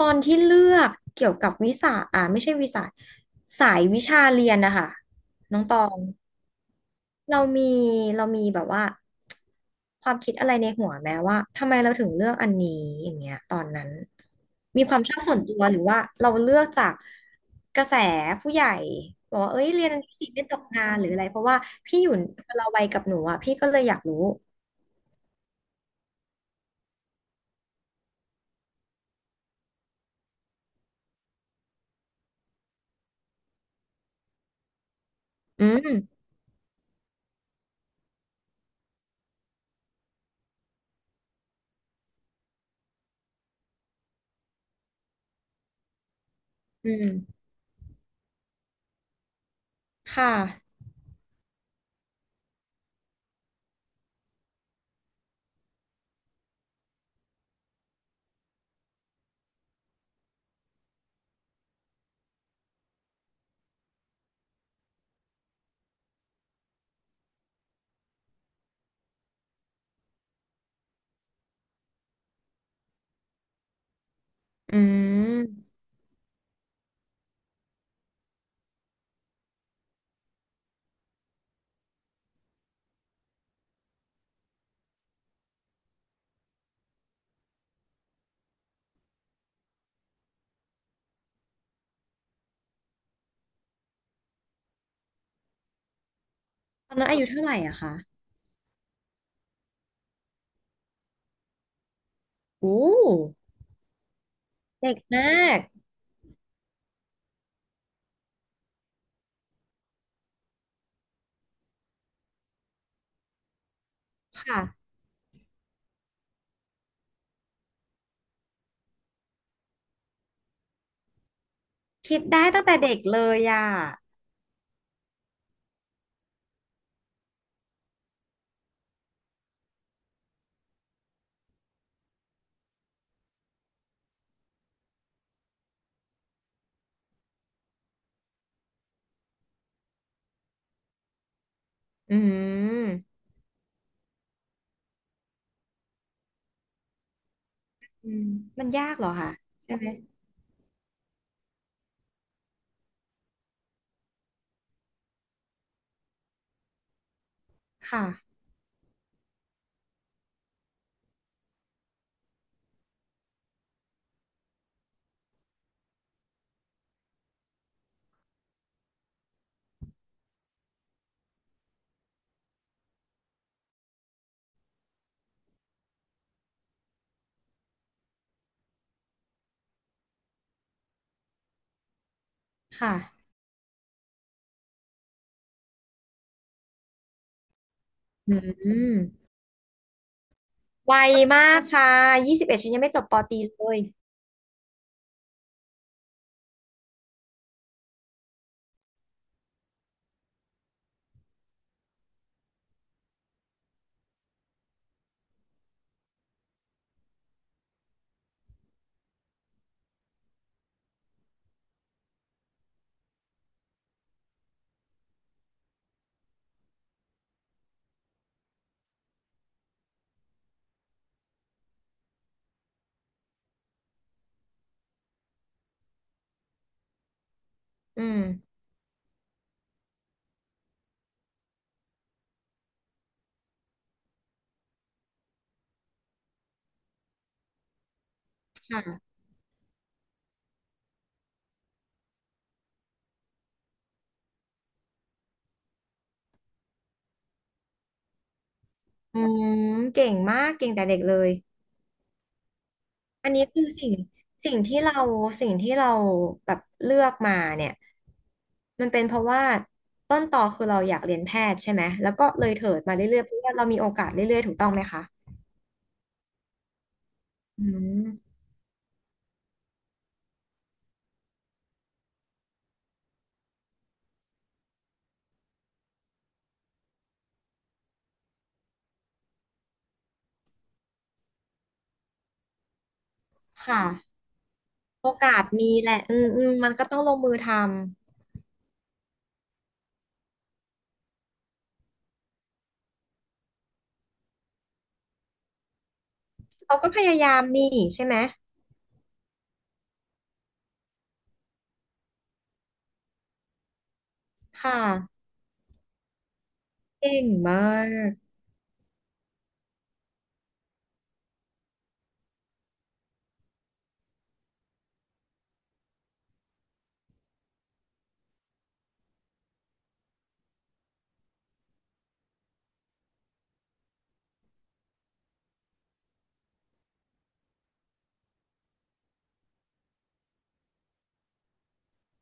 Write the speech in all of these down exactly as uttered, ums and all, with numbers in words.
ตอนที่เลือกเกี่ยวกับวิสาอ่าไม่ใช่วิสาสายวิชาเรียนนะคะน้องตองเรามีเรามีแบบว่าความคิดอะไรในหัวแม้ว่าทำไมเราถึงเลือกอันนี้อย่างเงี้ยตอนนั้นมีความชอบส่วนตัวหรือว่าเราเลือกจากกระแสผู้ใหญ่บอกว่าเอ้ยเรียนอันนี้สิไม่ตกงานหรืออะไรเพราะว่าพี่อยู่คนละวัยกับหนูอ่ะพี่ก็เลยอยากรู้อืมอืมค่ะอืมตอนนั้นอายุเท่าไหร่อะคะ โอ้เด็กมากค่ะคิดได้ตั้งแต่เด็กเลยอ่ะอืมอืมมันยากเหรอคะใช่ไหมค่ะค่ะอืมไวมากค่ะยี่สิบเอ็ดฉันยังไม่จบปตรีเลยอืมค่ะอืมเก่งมากเก่งแต่เด็กเลยอันนี้คือสิ่งสิ่งที่เราสิ่งที่เราแบบเลือกมาเนี่ยมันเป็นเพราะว่าต้นตอคือเราอยากเรียนแพทย์ใช่ไหมแล้วก็เลยเถิดมาเรื่อยๆเพราะว่าเรามีโอกาสเรื่อยๆถูกต้องไหมคะ อืม ค่ะ โอกาสมีแหละอืมอืมมันก็ต้องลงมือทำเขาก็พยายามนี่ใช่ไหม ค่ะเก่งมาก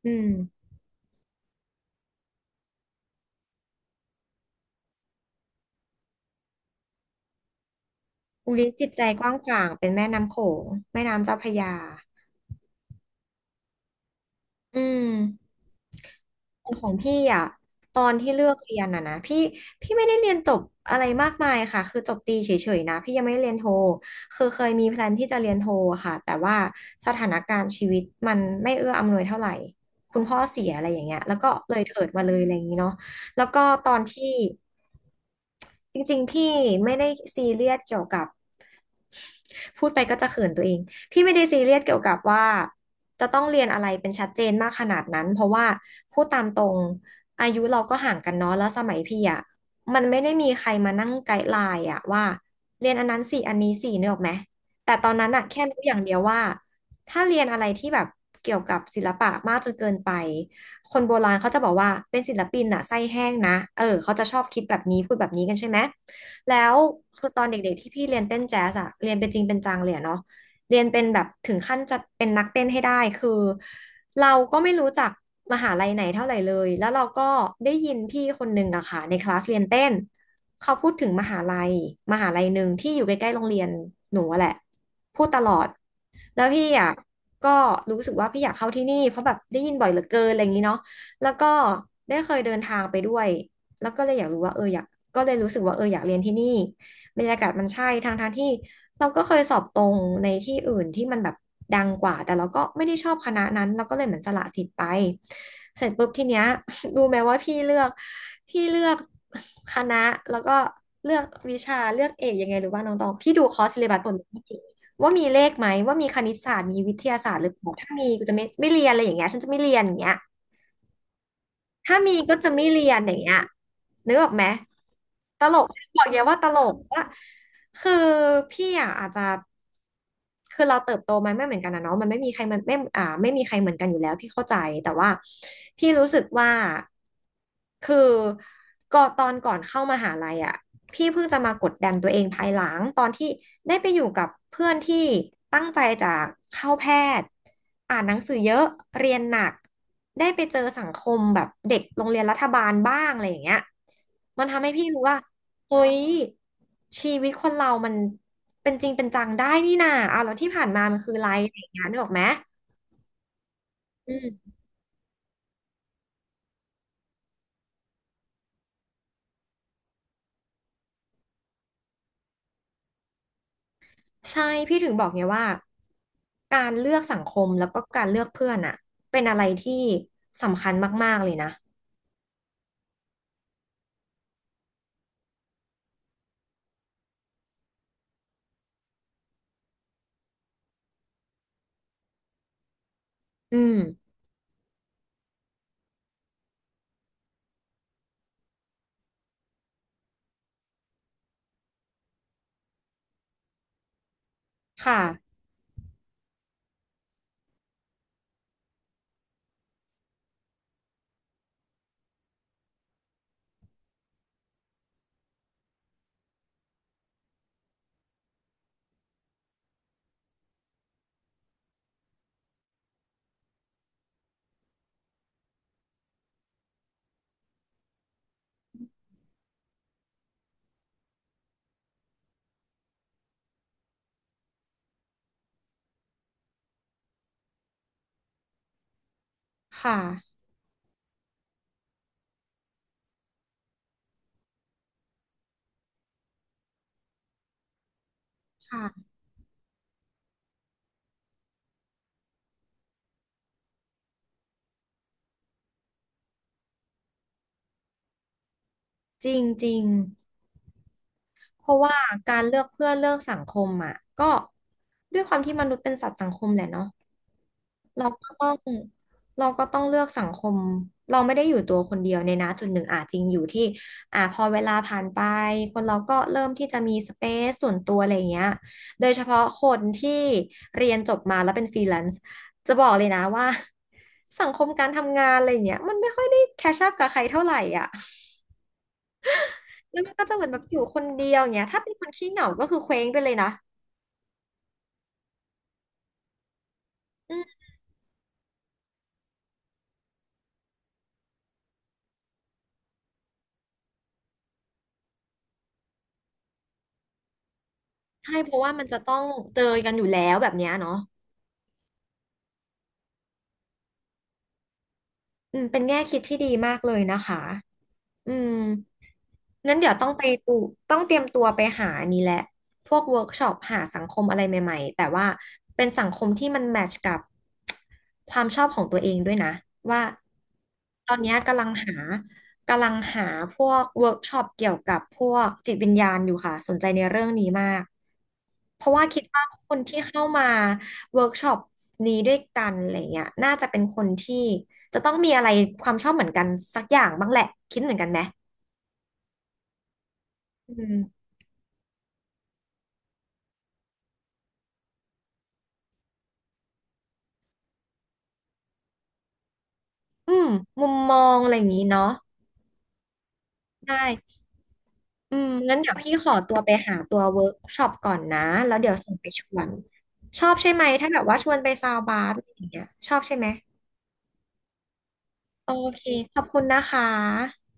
อืมอุลิศจิตใจกว้างขวางเป็นแม่น้ำโขงแม่น้ำเจ้าพระยาอืม ของพี่อ่ะตอนที่เลือกเรียนอ่ะนะพี่พี่ไม่ได้เรียนจบอะไรมากมายค่ะคือจบตรีเฉยๆนะพี่ยังไม่ได้เรียนโทคือเคยมีแพลนที่จะเรียนโทค่ะแต่ว่าสถานการณ์ชีวิตมันไม่เอื้ออำนวยเท่าไหร่คุณพ่อเสียอะไรอย่างเงี้ยแล้วก็เลยเถิดมาเลยอะไรอย่างงี้เนาะแล้วก็ตอนที่จริงๆพี่ไม่ได้ซีเรียสเกี่ยวกับ พูดไปก็จะเขินตัวเอง พี่ไม่ได้ซีเรียสเกี่ยวกับว่าจะต้องเรียนอะไรเป็นชัดเจนมากขนาดนั้นเพราะว่าพูดตามตรงอายุเราก็ห่างกันเนาะแล้วสมัยพี่อ่ะมันไม่ได้มีใครมานั่งไกด์ไลน์อ่ะว่าเรียนอันนั้นสี่อันนี้สี่เนึกออกไหมแต่ตอนนั้นอ่ะแค่รู้อย่างเดียวว่าถ้าเรียนอะไรที่แบบเกี่ยวกับศิลปะมากจนเกินไปคนโบราณเขาจะบอกว่าเป็นศิลปินอ่ะไส้แห้งนะเออเขาจะชอบคิดแบบนี้พูดแบบนี้กันใช่ไหม แล้วคือตอนเด็กๆที่พี่เรียนเต้นแจ๊สอะเรียนเป็นจริงเป็นจังเลยอะเนาะเรียนเป็นแบบถึงขั้นจะเป็นนักเต้นให้ได้คือเราก็ไม่รู้จักมหาลัยไหนเท่าไหร่เลยแล้วเราก็ได้ยินพี่คนหนึ่งอะค่ะในคลาสเรียนเต้นเขาพูดถึงมหาลัยมหาลัยหนึ่งที่อยู่ใกล้ๆโรงเรียนหนูอะแหละพูดตลอดแล้วพี่อะก็รู้สึกว่าพี่อยากเข้าที่นี่เพราะแบบได้ยินบ่อยเหลือเกินอะไรอย่างนี้เนาะแล้วก็ได้เคยเดินทางไปด้วยแล้วก็เลยอยากรู้ว่าเอออยาก ก็เลยรู้สึกว่าเอออยากเรียนที่นี่บรรยากาศมันใช่ทางทางที่เราก็เคยสอบตรงในที่อื่นที่มันแบบดังกว่าแต่เราก็ไม่ได้ชอบคณะนั้นเราก็เลยเหมือนสละสิทธิ์ไปเสร็จปุ๊บทีเนี้ย รู้ไหมว่าพี่เลือกพี่เลือกคณะแล้วก็เลือกวิชาเลือกเอกยังไงหรือว่าน้องตองพี่ดูคอร์สเลบัสหมดเลยว่ามีเลขไหมว่ามีคณิตศาสตร์มีวิทยาศาสตร์หรือเปล่าถ้ามีกูจะไม่ไม่เรียนอะไรอย่างเงี้ยฉันจะไม่เรียนอย่างเงี้ย ถ้ามีก็จะไม่เรียนอย่างเงี้ยนึกออกไหมตลกบอกเยอะว่าตลกว่าคือพี่อ่ะอาจจะคือเราเติบโตมาไม่เหมือนกันนะเนาะมันไม่มีใครมันไม่อ่าไม่มีใครเหมือนกันอยู่แล้วพี่เข้าใจแต่ว่าพี่รู้สึกว่า คือก็ตอนก่อนเข้ามหาลัยอ่ะพี่เพิ่งจะมากดดันตัวเองภายหลังตอนที่ได้ไปอยู่กับเพื่อนที่ตั้งใจจะเข้าแพทย์อ่านหนังสือเยอะเรียนหนักได้ไปเจอสังคมแบบเด็กโรงเรียนรัฐบาลบ้างอะไรอย่างเงี้ยมันทำให้พี่รู้ว่าเฮ้ยชีวิตคนเรามันเป็นจริงเป็นจังได้นี่นาอ่ะแล้วที่ผ่านมามันคืออะไรอะไรอย่างเงี้ยนึกออกไหมอืม ใช่พี่ถึงบอกไงว่าการเลือกสังคมแล้วก็การเลือกเพื่อนอะเป็นอะไรที่สำคัญมากๆเลยนะอืมค่ะค่ะค่ะจริงจริงเพราะว่าการเลือกเพื่อนเลือกสังคมอะก็ด้วยความที่มนุษย์เป็นสัตว์สังคมแหละเนาะ เราก็ต้องเราก็ต้องเลือกสังคมเราไม่ได้อยู่ตัวคนเดียวในนะจุดหนึ่งอ่ะจริงอยู่ที่อ่ะพอเวลาผ่านไปคนเราก็เริ่มที่จะมีสเปซส่วนตัวอะไรอย่างเงี้ยโดยเฉพาะคนที่เรียนจบมาแล้วเป็นฟรีแลนซ์จะบอกเลยนะว่า สังคมการทำงานอะไรอย่างเงี้ยมันไม่ค่อยได้แคชอัพกับใครเท่าไหร่อ่ะแล้วมันก็จะเหมือนแบบอยู่คนเดียวอย่างเงี้ยถ้าเป็นคนขี้เหงาก็คือเคว้งไปเลยนะอืมใช่เพราะว่ามันจะต้องเจอกันอยู่แล้วแบบเนี้ยเนาะ อืมเป็นแง่คิดที่ดีมากเลยนะคะอืมงั้นเดี๋ยวต้องไปตูต้องเตรียมตัวไปหานี่แหละพวกเวิร์กช็อปหาสังคมอะไรใหม่ๆแต่ว่าเป็นสังคมที่มันแมทช์กับความชอบของตัวเองด้วยนะว่าตอนเนี้ยกำลังหา กำลังหาพวกเวิร์กช็อปเกี่ยวกับพวกจิตวิญญาณอยู่ค่ะ สนใจในเรื่องนี้มาก เพราะว่าคิดว่าคนที่เข้ามาเวิร์กช็อปนี้ด้วยกันอะไรเงี้ยน่าจะเป็นคนที่ จะต้องมีอะไรความชอบเหมือนกันสักอย่างบ้างแหละคิดเหมือนกันไหมอืมอืมมุมมองอะไรอย่างนี้เนาะได้อืมงั้นเดี๋ยวพี่ขอตัวไปหาตัวเวิร์กช็อปก่อนนะแล้วเดี๋ยวส่งไปชวนชอบใช่ไหมถ้าแบบว่าชวนไปซาวบาร์อะไรอย่างเงี้ยชอบใช่ไหมโอเคขอบคุณนะคะ